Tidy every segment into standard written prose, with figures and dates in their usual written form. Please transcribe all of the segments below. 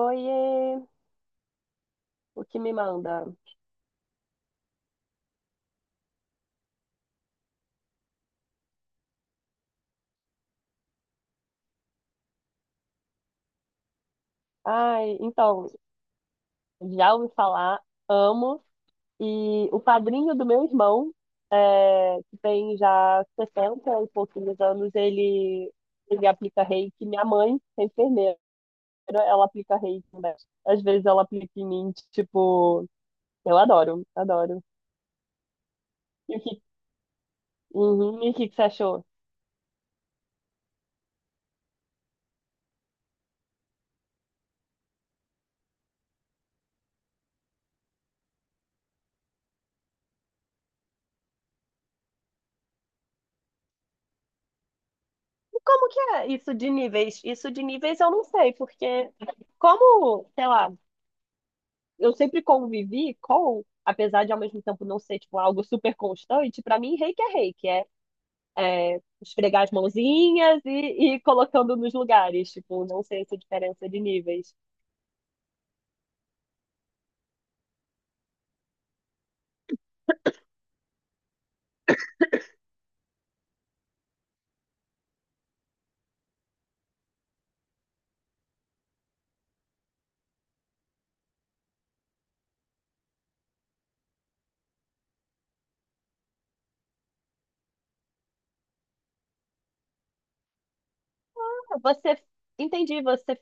Oiê, o que me manda? Ai, então, já ouvi falar, amo. E o padrinho do meu irmão, que tem já 60 e pouquinhos anos, ele aplica reiki. Minha mãe, que é enfermeira, ela aplica reiki, né? Às vezes ela aplica em mim, tipo, eu adoro, adoro. E o que, uhum, e o que que você achou? E como que é isso de níveis? Isso de níveis eu não sei, porque como, sei lá, eu sempre convivi com, apesar de ao mesmo tempo não ser tipo algo super constante, pra mim reiki é reiki, é esfregar as mãozinhas e ir colocando nos lugares, tipo, não sei essa diferença de níveis. Ah, Você, entendi, você,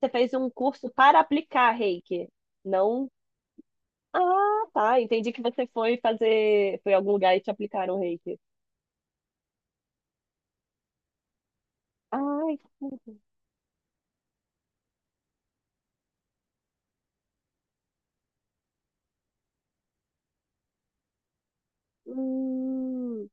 você fez um curso para aplicar reiki, não... Ah, tá, entendi que você foi fazer, foi em algum lugar e te aplicaram reiki. Ai, hum.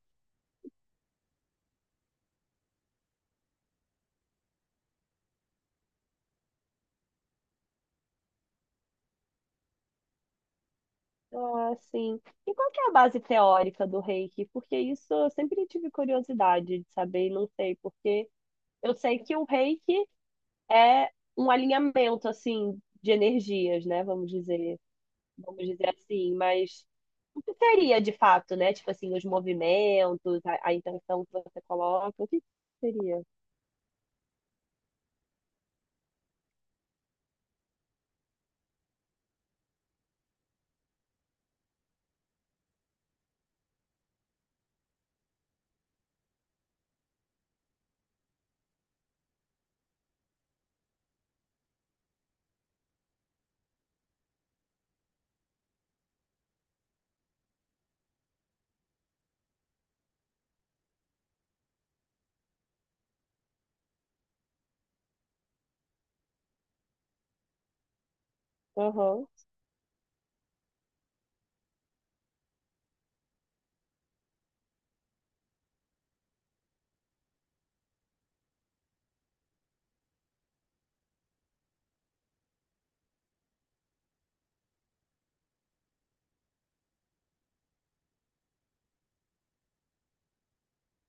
Ah, sim. E qual que é a base teórica do Reiki? Porque isso eu sempre tive curiosidade de saber e não sei, porque eu sei que o Reiki é um alinhamento, assim, de energias, né? Vamos dizer assim, mas o que seria de fato, né? Tipo assim, os movimentos, a intenção que você coloca, o que seria? Aham,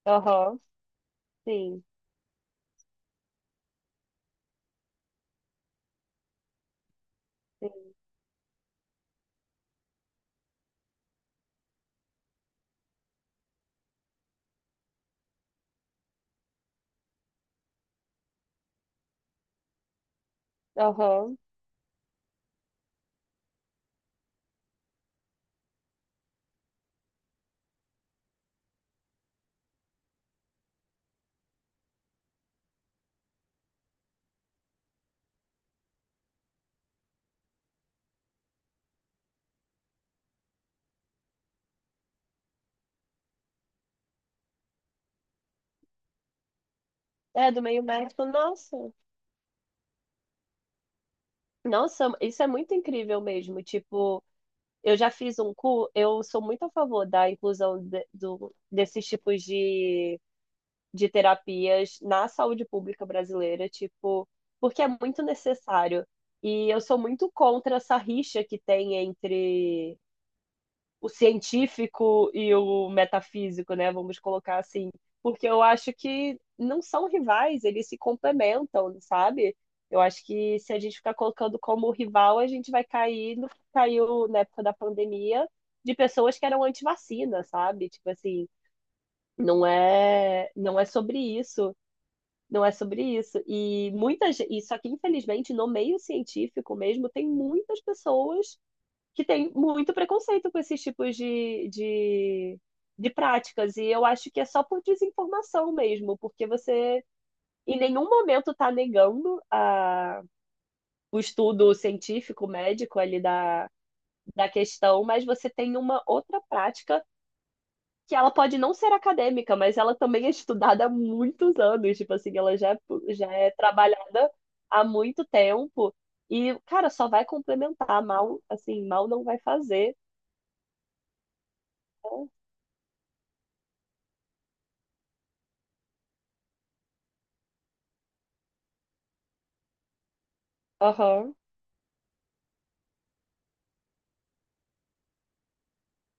aham, sim, sim, aham. É, do meio médico, nossa. Nossa, isso é muito incrível mesmo, tipo... Eu já fiz um curso, eu sou muito a favor da inclusão de- do, desses tipos de terapias na saúde pública brasileira, tipo, porque é muito necessário. E eu sou muito contra essa rixa que tem entre o científico e o metafísico, né? Vamos colocar assim, porque eu acho que não são rivais, eles se complementam, sabe? Eu acho que se a gente ficar colocando como rival, a gente vai cair no que caiu na época da pandemia de pessoas que eram anti-vacina, sabe? Tipo assim, não é sobre isso, não é sobre isso. E muitas, e só que infelizmente no meio científico mesmo tem muitas pessoas que tem muito preconceito com esses tipos de práticas. E eu acho que é só por desinformação mesmo, porque você em nenhum momento está negando a, o estudo científico, médico ali da questão, mas você tem uma outra prática que ela pode não ser acadêmica, mas ela também é estudada há muitos anos, tipo assim, ela já é trabalhada há muito tempo e, cara, só vai complementar, mal, assim, mal não vai fazer. Aham.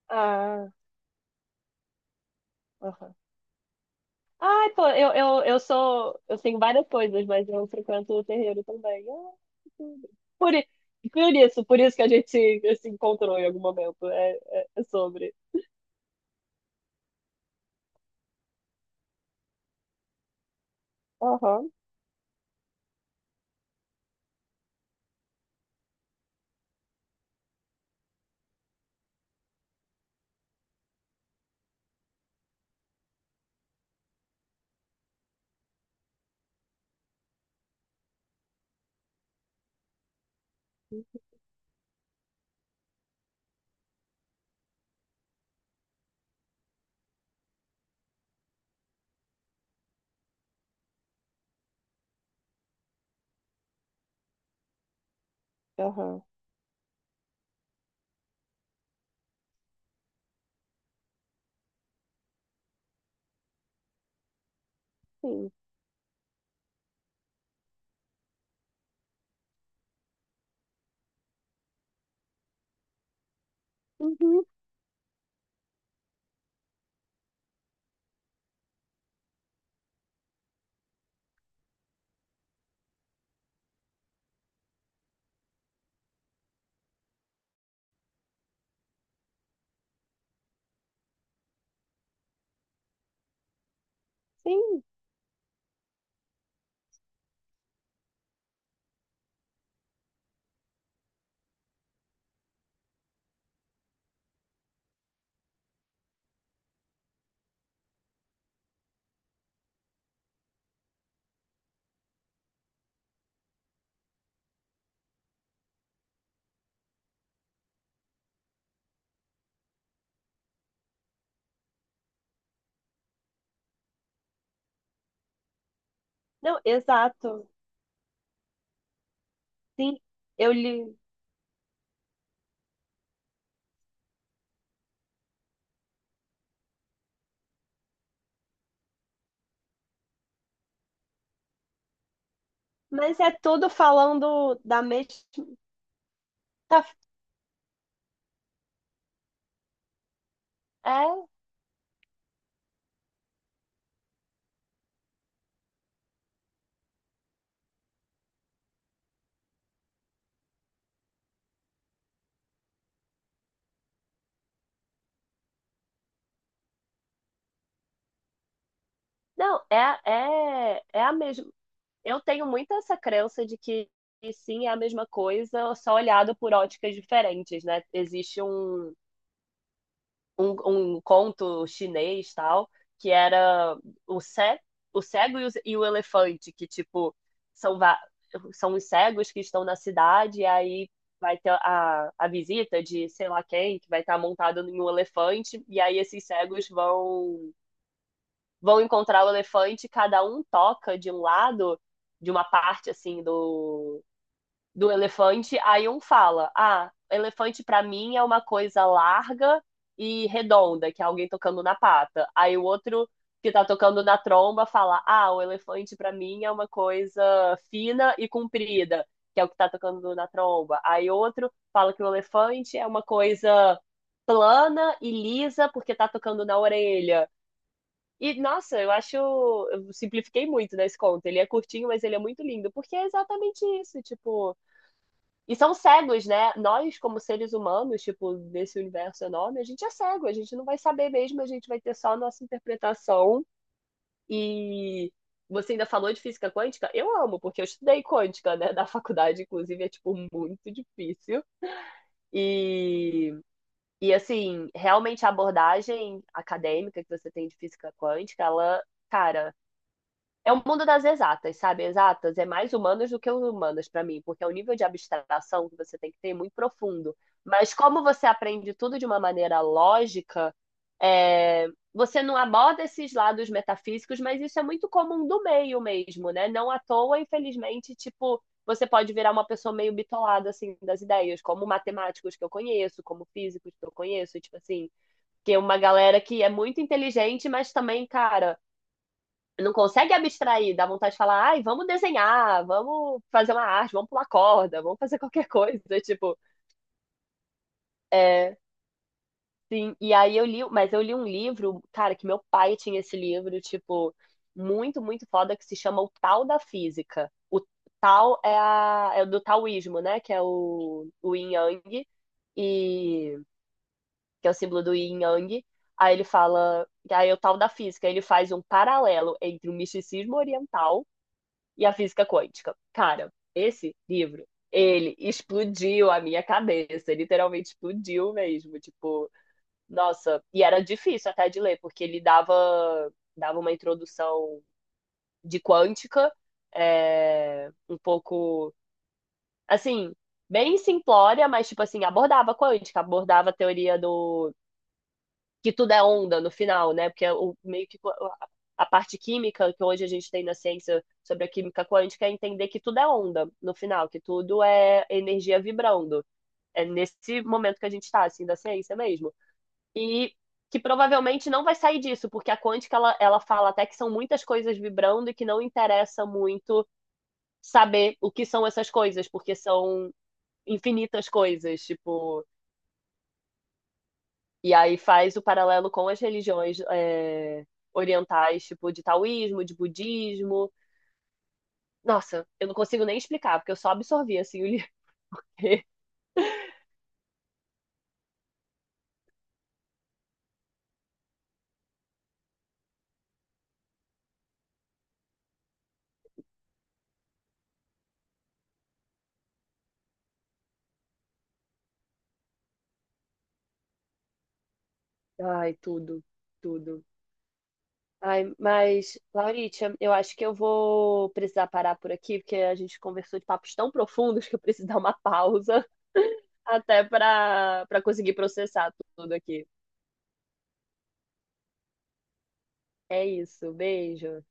Ah, aham. Ai, pô, eu sou. Eu tenho várias coisas, mas eu frequento o terreiro também. Ah, que tudo. Por, i- por isso que a gente se encontrou em algum momento. É sobre. Aham, aham, sim. Uhum, sim. Não, exato. Sim, eu li. Mas é tudo falando da mesma. Tá- É, não, é, é, é a mesma. Eu tenho muito essa crença de que sim, é a mesma coisa, só olhado por óticas diferentes, né? Existe um conto chinês, tal, que era o, ce, o cego e o elefante, que, tipo, são, va- são os cegos que estão na cidade, e aí vai ter a visita de sei lá quem, que vai estar montado em um elefante, e aí esses cegos vão encontrar o elefante, cada um toca de um lado, de uma parte, assim, do do elefante, aí um fala: "Ah, elefante pra mim é uma coisa larga e redonda, que é alguém tocando na pata". Aí o outro que tá tocando na tromba fala: "Ah, o elefante pra mim é uma coisa fina e comprida", que é o que tá tocando na tromba. Aí outro fala que o elefante é uma coisa plana e lisa porque tá tocando na orelha. E, nossa, eu acho. Eu simplifiquei muito nesse conto. Ele é curtinho, mas ele é muito lindo, porque é exatamente isso. Tipo, e são cegos, né? Nós, como seres humanos, tipo, nesse universo enorme, a gente é cego, a gente não vai saber mesmo, a gente vai ter só a nossa interpretação. E você ainda falou de física quântica? Eu amo, porque eu estudei quântica, né, da faculdade, inclusive, é, tipo, muito difícil. E, e assim, realmente a abordagem acadêmica que você tem de física quântica, ela, cara, é o mundo das exatas, sabe? Exatas é mais humanas do que humanas para mim, porque é um nível de abstração que você tem que ter muito profundo. Mas como você aprende tudo de uma maneira lógica, é, você não aborda esses lados metafísicos, mas isso é muito comum do meio mesmo, né? Não à toa, infelizmente, tipo, você pode virar uma pessoa meio bitolada, assim, das ideias, como matemáticos que eu conheço, como físicos que eu conheço, tipo assim, que é uma galera que é muito inteligente, mas também, cara, não consegue abstrair, dá vontade de falar, ai, vamos desenhar, vamos fazer uma arte, vamos pular corda, vamos fazer qualquer coisa, tipo, é, sim, e aí eu li, mas eu li um livro, cara, que meu pai tinha esse livro, tipo, muito, muito foda, que se chama O Tal da Física. O Tal é do taoísmo, né, que é o Yin Yang, e, que é o símbolo do Yin Yang, aí ele fala, aí é o Tal da Física, ele faz um paralelo entre o misticismo oriental e a física quântica. Cara, esse livro, ele explodiu a minha cabeça, literalmente explodiu mesmo, tipo, nossa, e era difícil até de ler, porque ele dava uma introdução de quântica, é, um pouco, assim, bem simplória, mas, tipo assim, abordava quântica, abordava a teoria do, que tudo é onda no final, né? Porque é o, meio que a parte química que hoje a gente tem na ciência sobre a química quântica é entender que tudo é onda no final, que tudo é energia vibrando. É nesse momento que a gente está, assim, da ciência mesmo. E que provavelmente não vai sair disso, porque a quântica ela fala até que são muitas coisas vibrando e que não interessa muito saber o que são essas coisas, porque são infinitas coisas, tipo, e aí faz o paralelo com as religiões é, orientais, tipo de taoísmo, de budismo. Nossa, eu não consigo nem explicar, porque eu só absorvi assim o livro. Ai, tudo, tudo. Ai, mas, Lauritia, eu acho que eu vou precisar parar por aqui, porque a gente conversou de papos tão profundos que eu preciso dar uma pausa até para conseguir processar tudo aqui. É isso, beijo.